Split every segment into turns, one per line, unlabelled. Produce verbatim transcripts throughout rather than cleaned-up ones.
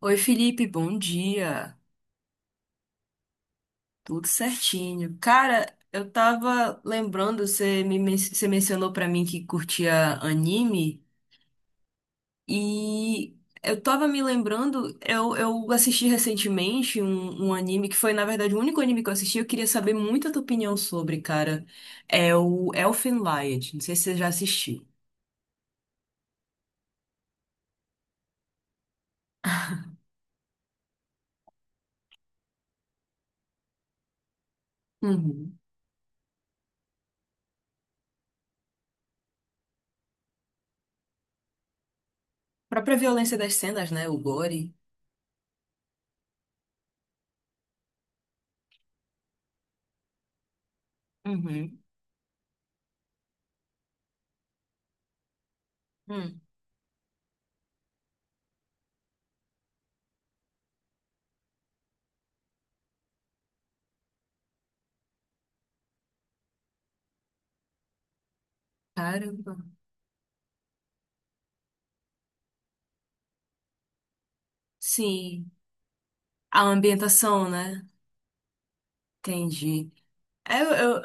Oi, Felipe, bom dia. Tudo certinho. Cara, eu tava lembrando, você me, men- você mencionou pra mim que curtia anime e eu tava me lembrando, eu, eu assisti recentemente um, um anime que foi, na verdade, o único anime que eu assisti, eu queria saber muito a tua opinião sobre, cara. É o Elfen Lied. Não sei se você já assistiu. Uhum. Própria violência das cenas, né? O gore. Uhum. Hum. Caramba. Sim. A ambientação, né? Entendi. É, Eu, eu,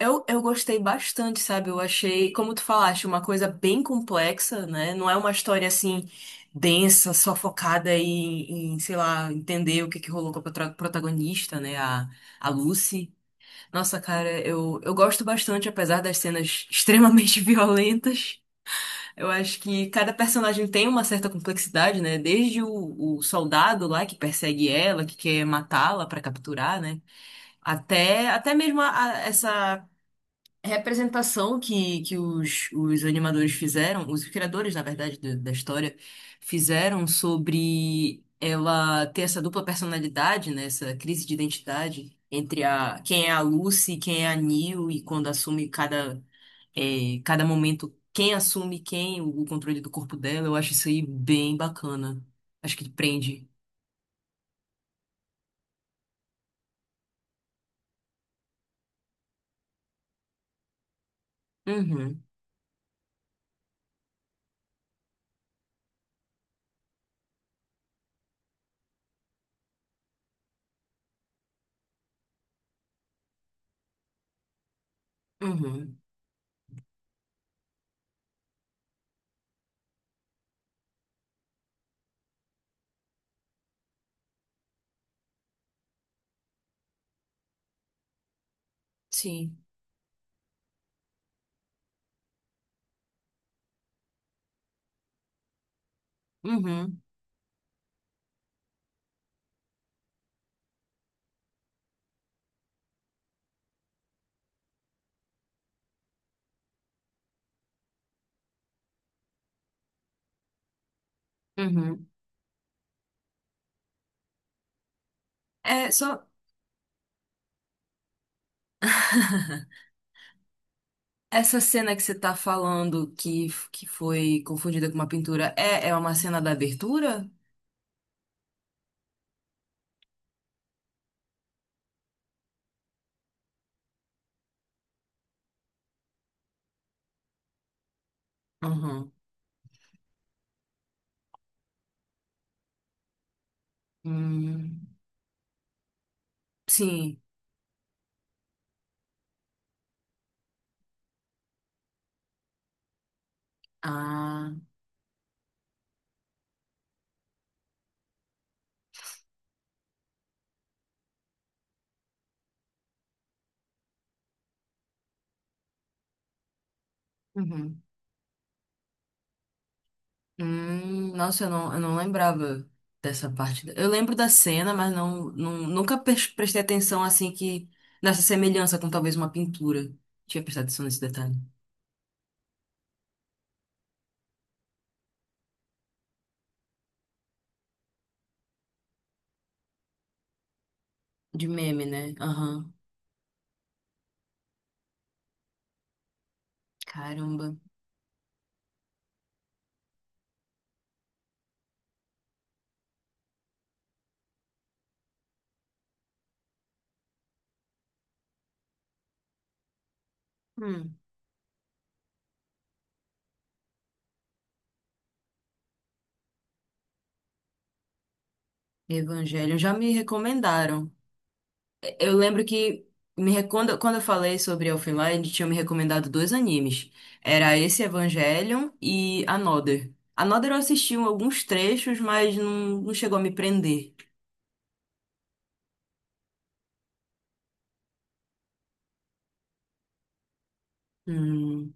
eu, eu gostei bastante, sabe? Eu achei, como tu falaste, uma coisa bem complexa, né? Não é uma história assim densa, só focada em, em, sei lá, entender o que que rolou com a prota- protagonista, né? A, a Lucy. Nossa, cara, eu, eu gosto bastante, apesar das cenas extremamente violentas. Eu acho que cada personagem tem uma certa complexidade, né? Desde o, o soldado lá que persegue ela, que quer matá-la pra capturar, né? Até, até mesmo a- a- essa representação que, que os, os animadores fizeram, os criadores, na verdade, do- da história, fizeram sobre ela ter essa dupla personalidade, né? Essa crise de identidade entre a, quem é a Lucy, quem é a Neil, e quando assume cada, eh, cada momento, quem assume quem, o, controle do corpo dela, eu acho isso aí bem bacana. Acho que prende. Uhum, uhum, sim. Uhum, uhum. É só. Essa cena que você tá falando que, que foi confundida com uma pintura é, é uma cena da abertura? Uhum. Hum, sim. Ah. Uhum. Hum, nossa, eu não, eu não lembrava dessa parte. Eu lembro da cena, mas não, não, nunca pres- prestei atenção assim que nessa semelhança com talvez uma pintura. Tinha prestado atenção nesse detalhe. De meme, né? Aham. Caramba. Hum. Evangelho. Já me recomendaram. Eu lembro que me recomenda, quando quando eu falei sobre Elfenlight, tinham me recomendado dois animes. Era esse Evangelion e Another. Another eu assisti alguns trechos, mas não, não chegou a me prender. Hum.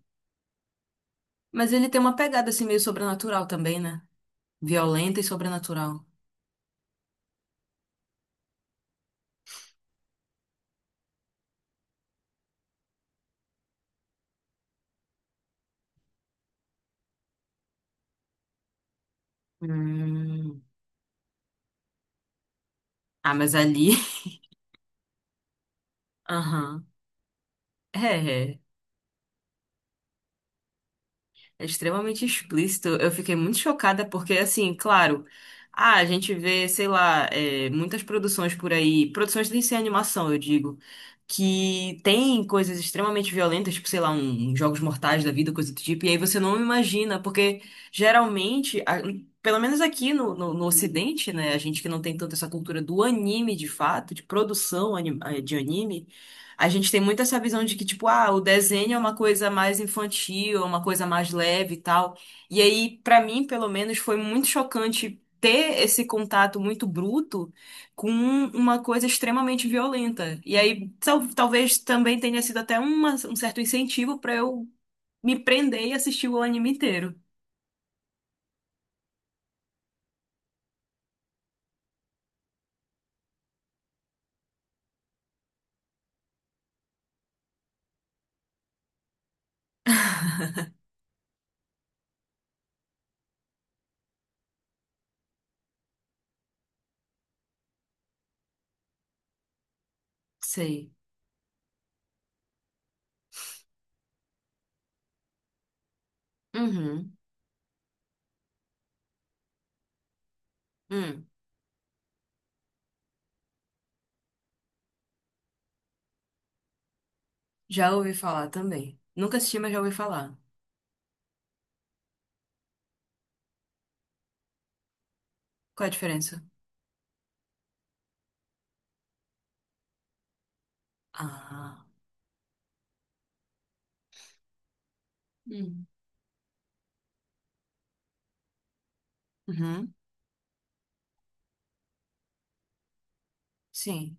Mas ele tem uma pegada assim meio sobrenatural também, né? Violenta e sobrenatural. Hum. Ah, mas ali. Aham. É, é. É extremamente explícito. Eu fiquei muito chocada porque, assim, claro, ah, a gente vê, sei lá, é, muitas produções por aí, produções de sem animação, eu digo, que tem coisas extremamente violentas, tipo, sei lá, um, um Jogos Mortais da vida, coisa do tipo, e aí você não imagina, porque geralmente, a- pelo menos aqui no, no, no Ocidente, né, a gente que não tem tanto essa cultura do anime de fato, de produção ani- eh, de anime. A gente tem muito essa visão de que, tipo, ah, o desenho é uma coisa mais infantil, é uma coisa mais leve e tal. E aí, pra mim, pelo menos, foi muito chocante ter esse contato muito bruto com uma coisa extremamente violenta. E aí, tal- talvez também tenha sido até uma- um certo incentivo pra eu me prender e assistir o anime inteiro. Sei. Uhum. Hum. Já ouvi falar também. Nunca assisti, mas já ouvi falar. Qual é a diferença? Ah. Hum. Uhum. Sim.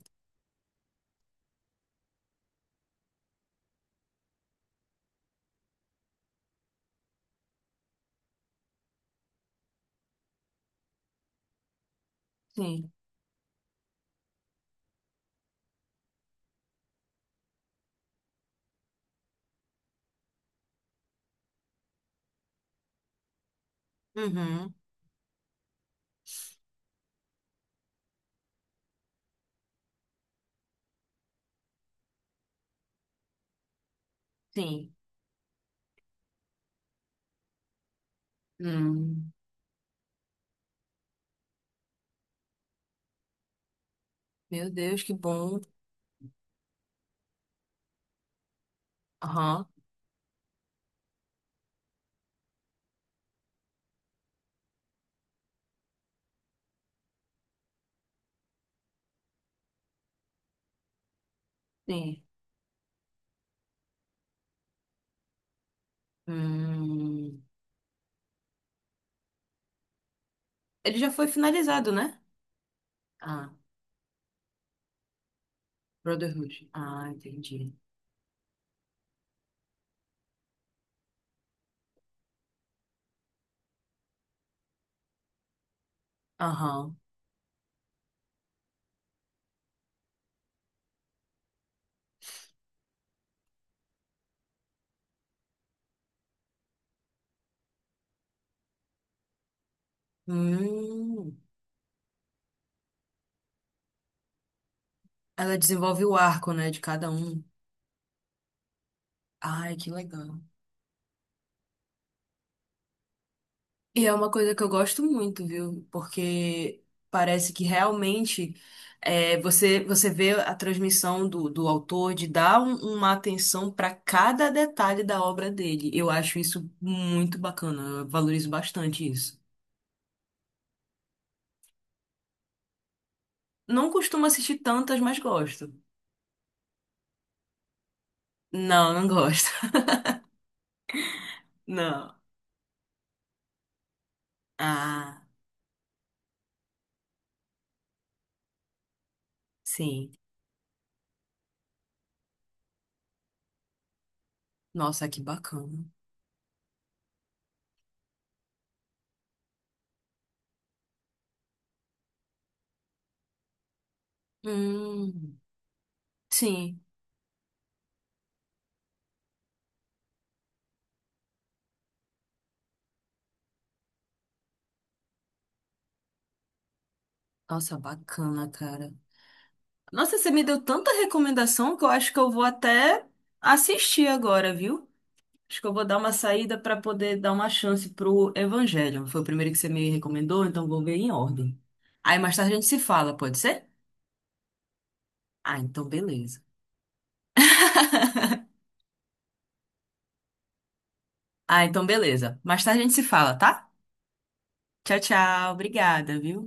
Sim. Uhum, sim. Hum, meu Deus, que bom. Aham, sim. Hum, ele já foi finalizado, né? Ah, Brotherhood. Ah, entendi. Aham. Hum, ela desenvolve o arco, né, de cada um. Ai, que legal. E é uma coisa que eu gosto muito, viu? Porque parece que realmente é, você você vê a transmissão do, do autor de dar um- uma atenção para cada detalhe da obra dele. Eu acho isso muito bacana, eu valorizo bastante isso. Não costumo assistir tantas, mas gosto. Não, não gosto. Não. Ah, sim. Nossa, que bacana. Hum, sim. Nossa, bacana, cara. Nossa, você me deu tanta recomendação que eu acho que eu vou até assistir agora, viu? Acho que eu vou dar uma saída para poder dar uma chance pro Evangelho. Foi o primeiro que você me recomendou, então vou ver em ordem. Aí mais tarde a gente se fala, pode ser? Ah, então beleza. Ah, então beleza. Mais tarde a gente se fala, tá? Tchau, tchau. Obrigada, viu?